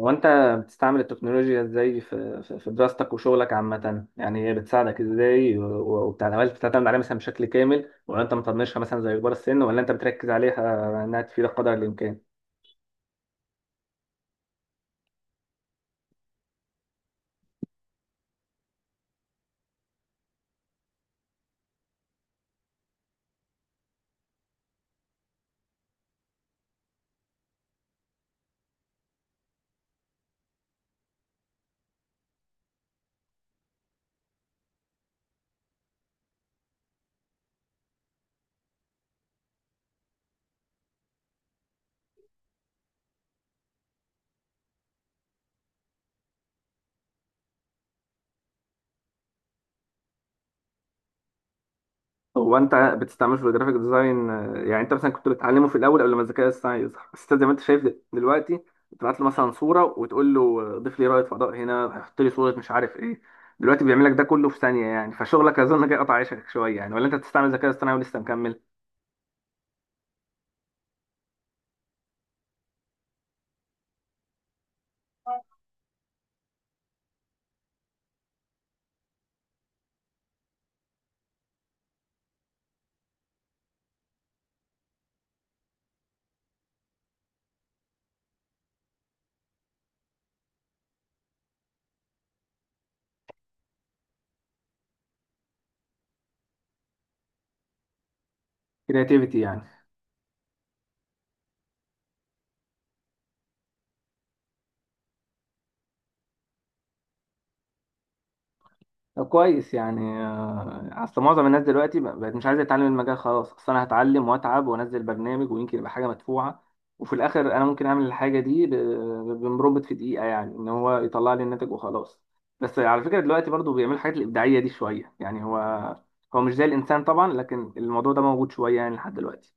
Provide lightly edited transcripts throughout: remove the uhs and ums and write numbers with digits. هو انت بتستعمل التكنولوجيا ازاي في دراستك وشغلك عامة، يعني هي بتساعدك ازاي وبتاع؟ هل بتعتمد عليها مثلا بشكل كامل ولا انت مطنشها مثلا زي كبار السن، ولا انت بتركز عليها انها تفيدك قدر الامكان؟ هو انت بتستعمله في الجرافيك ديزاين. يعني انت مثلا كنت بتعلمه في الاول قبل ما الذكاء الاصطناعي يظهر، بس انت زي ما انت شايف دلوقتي بتبعت له مثلا صورة وتقول له، ضيف لي رائد فضاء هنا، حط لي صورة، مش عارف ايه. دلوقتي بيعمل لك ده كله في ثانية، يعني فشغلك اظن جاي قطع عيشك شوية يعني، ولا انت بتستعمل الذكاء الاصطناعي ولسه مكمل؟ كرياتيفيتي يعني. كويس يعني. اصل معظم الناس دلوقتي بقت مش عايزه تتعلم المجال خلاص، اصل انا هتعلم واتعب وانزل برنامج ويمكن يبقى حاجه مدفوعه. وفي الاخر انا ممكن اعمل الحاجه دي بمربط في دقيقه، يعني ان هو يطلع لي الناتج وخلاص. بس على فكره دلوقتي برضو بيعمل الحاجات الابداعيه دي شويه يعني، هو مش زي الانسان طبعا، لكن الموضوع ده موجود شويه يعني لحد دلوقتي.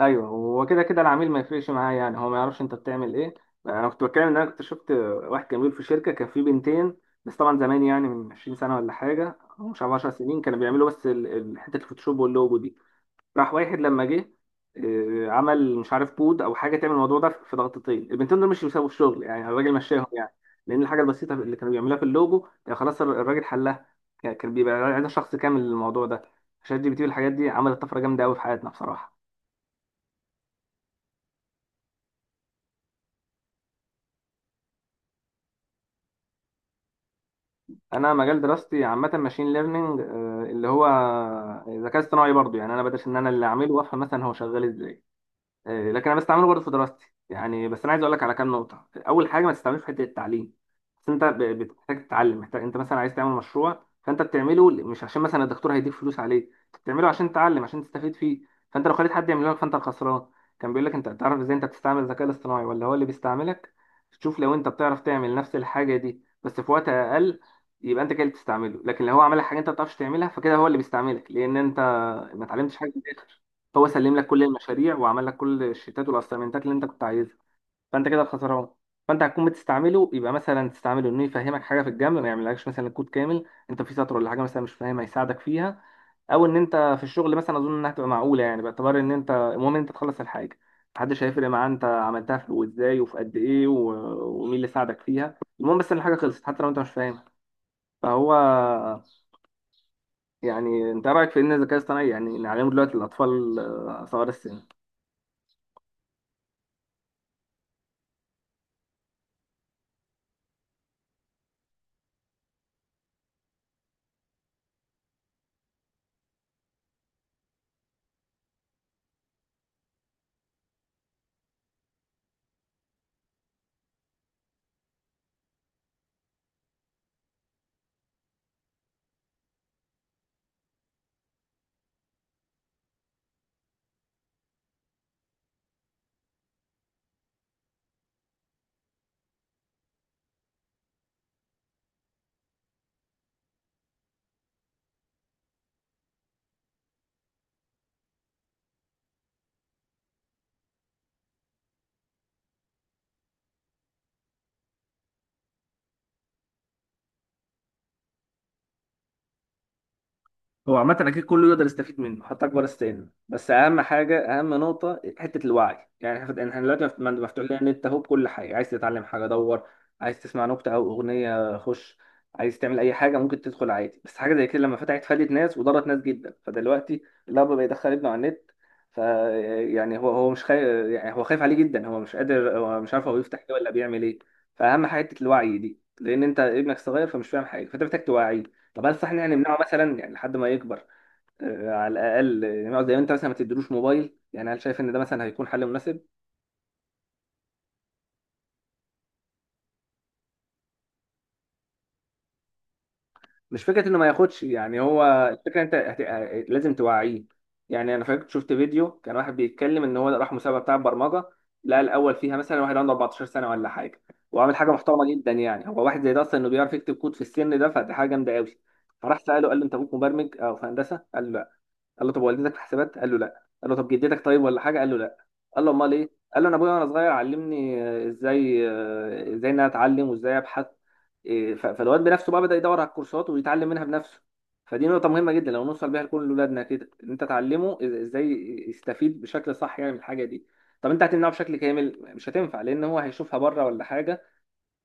ايوه، هو كده كده العميل ما يفرقش معاه، يعني هو ما يعرفش انت بتعمل ايه. انا كنت بتكلم ان انا كنت شفت واحد كان بيقول في شركه كان فيه بنتين. بس طبعا زمان يعني، من 20 سنه ولا حاجه او مش عارف 10 سنين، كانوا بيعملوا بس حته الفوتوشوب واللوجو دي. راح واحد لما جه، عمل مش عارف بود او حاجه تعمل الموضوع ده في ضغطتين، البنتين دول مش بيساووا الشغل يعني، الراجل مشاهم يعني. لان الحاجه البسيطه اللي كانوا بيعملوها في اللوجو كان خلاص الراجل حلها، كان بيبقى عايز شخص كامل للموضوع ده. شات جي بي تي والحاجات دي عملت طفره جامده قوي في حياتنا بصراحه. انا مجال دراستي عامه ماشين ليرنينج، اللي هو ذكاء اصطناعي برضو يعني. انا بدرس ان انا اللي اعمله وافهم مثلا هو شغال ازاي. لكن انا بستعمله برضه في دراستي يعني. بس انا عايز اقول لك على كام نقطه. اول حاجه، ما تستعملوش في حته التعليم. بس انت بتحتاج تتعلم. محتاج انت مثلا عايز تعمل مشروع فانت بتعمله مش عشان مثلا الدكتور هيديك فلوس عليه، انت بتعمله عشان تتعلم، عشان تستفيد فيه. فانت لو خليت حد يعمله لك فانت الخسران. كان بيقول لك، انت تعرف ازاي انت بتستعمل الذكاء الاصطناعي ولا هو اللي بيستعملك؟ شوف، لو انت بتعرف تعمل نفس الحاجه دي بس في وقت اقل، يبقى انت كده اللي بتستعمله. لكن لو هو عمل لك حاجه انت ما بتعرفش تعملها، فكده هو اللي بيستعملك، لان انت ما اتعلمتش حاجه. هو سلم لك كل المشاريع وعمل لك كل الشيتات والاسايمنتات اللي انت كنت عايزها، فانت كده الخسران. فانت هتكون بتستعمله، يبقى مثلا تستعمله انه يفهمك حاجه في الجنب، ما يعملكش مثلا الكود كامل، انت في سطر ولا حاجه مثلا مش فاهمها يساعدك فيها. او ان انت في الشغل مثلا اظن انها هتبقى معقوله يعني، باعتبار ان انت المهم ان انت تخلص الحاجه. محدش هيفرق معاه انت عملتها في وازاي وفي قد ايه ومين اللي ساعدك فيها، المهم بس ان الحاجه خلصت حتى لو انت مش فاهمها. فهو يعني انت إيه رايك في ان الذكاء الاصطناعي يعني نعلمه دلوقتي للاطفال صغار السن؟ هو عامة أكيد كله يقدر يستفيد منه حتى أكبر السن، بس أهم حاجة، أهم نقطة حتة الوعي يعني. إحنا دلوقتي مفتوح لنا النت أهو بكل حاجة. عايز تتعلم حاجة دور، عايز تسمع نكتة أو أغنية خش، عايز تعمل أي حاجة ممكن تدخل عادي. بس حاجة زي كده لما فتحت فادت ناس وضرت ناس جدا. فدلوقتي الأب بيدخل ابنه على النت، ف يعني هو مش خايف، يعني هو خايف عليه جدا، هو مش قادر، هو مش عارف هو بيفتح إيه ولا بيعمل إيه. فأهم حاجة حتة الوعي دي، لأن أنت ابنك صغير فمش فاهم حاجة، فأنت محتاج توعيه. طب هل صح ان احنا نمنعه مثلا يعني لحد ما يكبر؟ على الاقل نقعد زي ما انت مثلا ما تديلوش موبايل يعني، هل شايف ان ده مثلا هيكون حل مناسب؟ مش فكره انه ما ياخدش يعني، هو الفكره انت هت... آه، لازم توعيه. يعني انا فاكر شفت فيديو، كان واحد بيتكلم ان هو راح مسابقه بتاع برمجه، لقى الاول فيها مثلا واحد عنده 14 سنه ولا حاجه، وعامل حاجه محترمه جدا يعني. هو واحد زي ده اصلا انه بيعرف يكتب كود في السن ده فدي حاجه جامده قوي. فراح ساله قال له، انت ابوك مبرمج او في هندسه؟ قال له لا. قال له طب والدتك في حسابات؟ قال له لا. قال له طب جدتك طيب ولا حاجه؟ قال له لا. قال له امال ايه؟ قال له انا ابويا وانا صغير علمني ازاي ازاي ان انا اتعلم وازاي ابحث. إيه، فالواد بنفسه بقى بدأ يدور على الكورسات ويتعلم منها بنفسه. فدي نقطة مهمة جدا لو نوصل بيها لكل أولادنا كده، إن أنت تعلمه إزاي يستفيد بشكل صح يعني من الحاجة دي. طب أنت هتمنعه بشكل كامل؟ مش هتنفع، لأن هو هيشوفها بره ولا حاجة،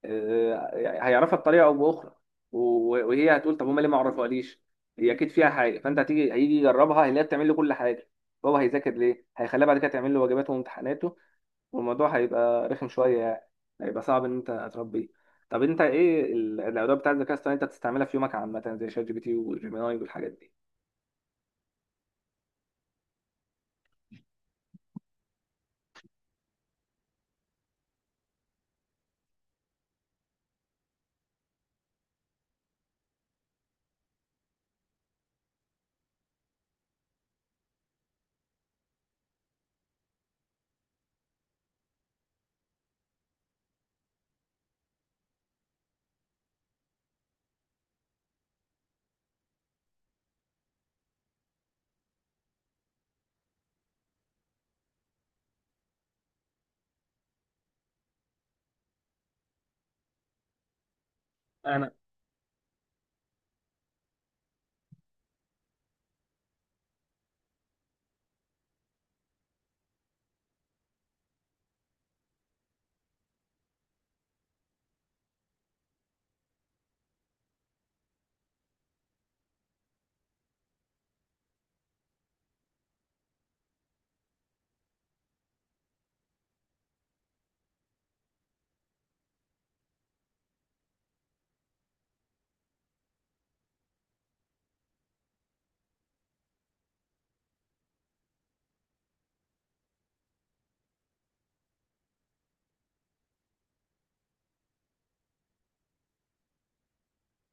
هيعرفها بطريقه او باخرى. وهي هتقول طب هما ليه ما عرفوهاليش، هي اكيد فيها حاجه. فانت هتيجي هيجي يجربها، هيلاقيها بتعمل له كل حاجه، هو هيذاكر ليه، هيخليها بعد كده تعمل له واجباته وامتحاناته. والموضوع هيبقى رخم شويه يعني، هيبقى صعب ان انت تربيه. طب انت ايه الادوات بتاعت الذكاء الاصطناعي انت بتستعملها في يومك عامه، زي شات جي بي تي وجيميناي والحاجات دي؟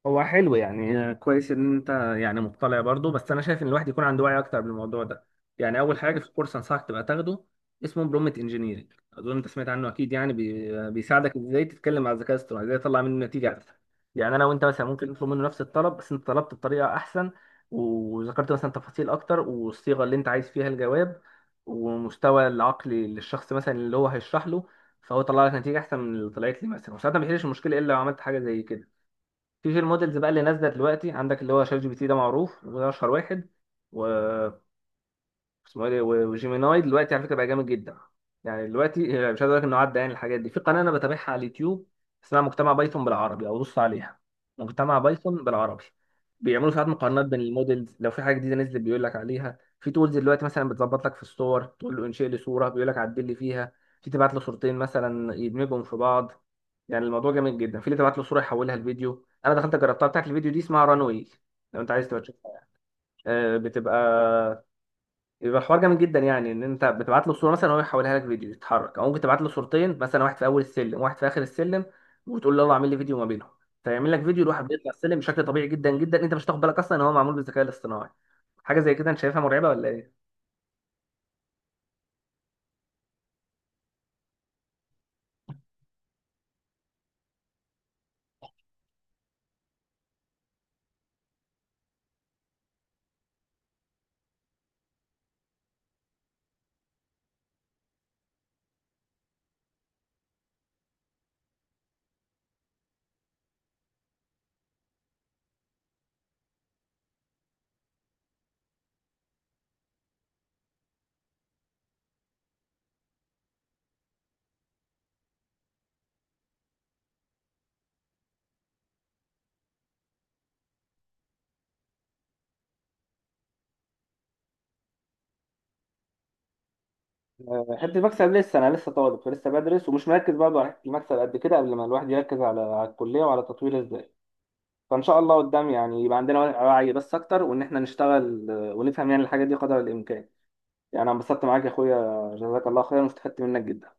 هو حلو يعني كويس ان انت يعني مطلع برضه. بس انا شايف ان الواحد يكون عنده وعي اكتر بالموضوع ده، يعني اول حاجه في كورس انصحك تبقى تاخده، اسمه برومت انجينيرنج، اظن انت سمعت عنه اكيد يعني. بيساعدك ازاي تتكلم مع الذكاء الاصطناعي، ازاي تطلع منه نتيجه احسن. يعني انا وانت مثلا ممكن نطلب منه نفس الطلب، بس انت طلبت بطريقه احسن، وذكرت مثلا تفاصيل اكتر، والصيغه اللي انت عايز فيها الجواب، ومستوى العقلي للشخص مثلا اللي هو هيشرح له. فهو طلع لك نتيجه احسن من اللي طلعت لي مثلا، وساعتها ما بيحلش المشكله الا لو عملت حاجه زي كده. في المودلز بقى اللي نازله دلوقتي عندك، اللي هو شات جي بي تي ده معروف وده اشهر واحد و... اسمه ايه ده؟ وجيميناي دلوقتي على فكره بقى جامد جدا. يعني دلوقتي مش عايز اقول لك انه عدى يعني. الحاجات دي في قناه انا بتابعها على اليوتيوب اسمها مجتمع بايثون بالعربي، او بص عليها، مجتمع بايثون بالعربي. بيعملوا ساعات مقارنات بين المودلز، لو في حاجه جديده نزلت بيقول لك عليها، في تولز دلوقتي مثلا بتظبط لك في الصور، تقول له انشئ لي صوره بيقول لك عدل لي فيها، في تبعت له صورتين مثلا يدمجهم في بعض. يعني الموضوع جامد جدا، في اللي تبعت له صوره يحولها لفيديو، انا دخلت جربتها بتاعت الفيديو دي اسمها رانوي، لو انت عايز تبقى تشوفها. آه، بتبقى يبقى حوار جامد جدا يعني، ان انت بتبعت له صوره مثلا وهو يحولها لك فيديو يتحرك، او ممكن تبعت له صورتين مثلا، واحد في اول السلم وواحد في اخر السلم، وتقول له يلا اعمل لي فيديو ما بينهم، فيعمل لك فيديو لواحد بيطلع السلم بشكل طبيعي جدا جدا. انت مش هتاخد بالك اصلا ان هو معمول بالذكاء الاصطناعي. حاجه زي كده، انت شايفها مرعبه ولا ايه؟ حته المكسب لسه، انا لسه طالب فلسه بدرس ومش مركز برضه على حته المكسب قد كده. قبل ما الواحد يركز على الكليه وعلى تطوير ازاي، فان شاء الله قدام يعني يبقى عندنا وعي بس اكتر، وان احنا نشتغل ونفهم يعني الحاجه دي قدر الامكان. يعني أنا انبسطت معاك يا أخويا، جزاك الله خيرا واستفدت منك جدا.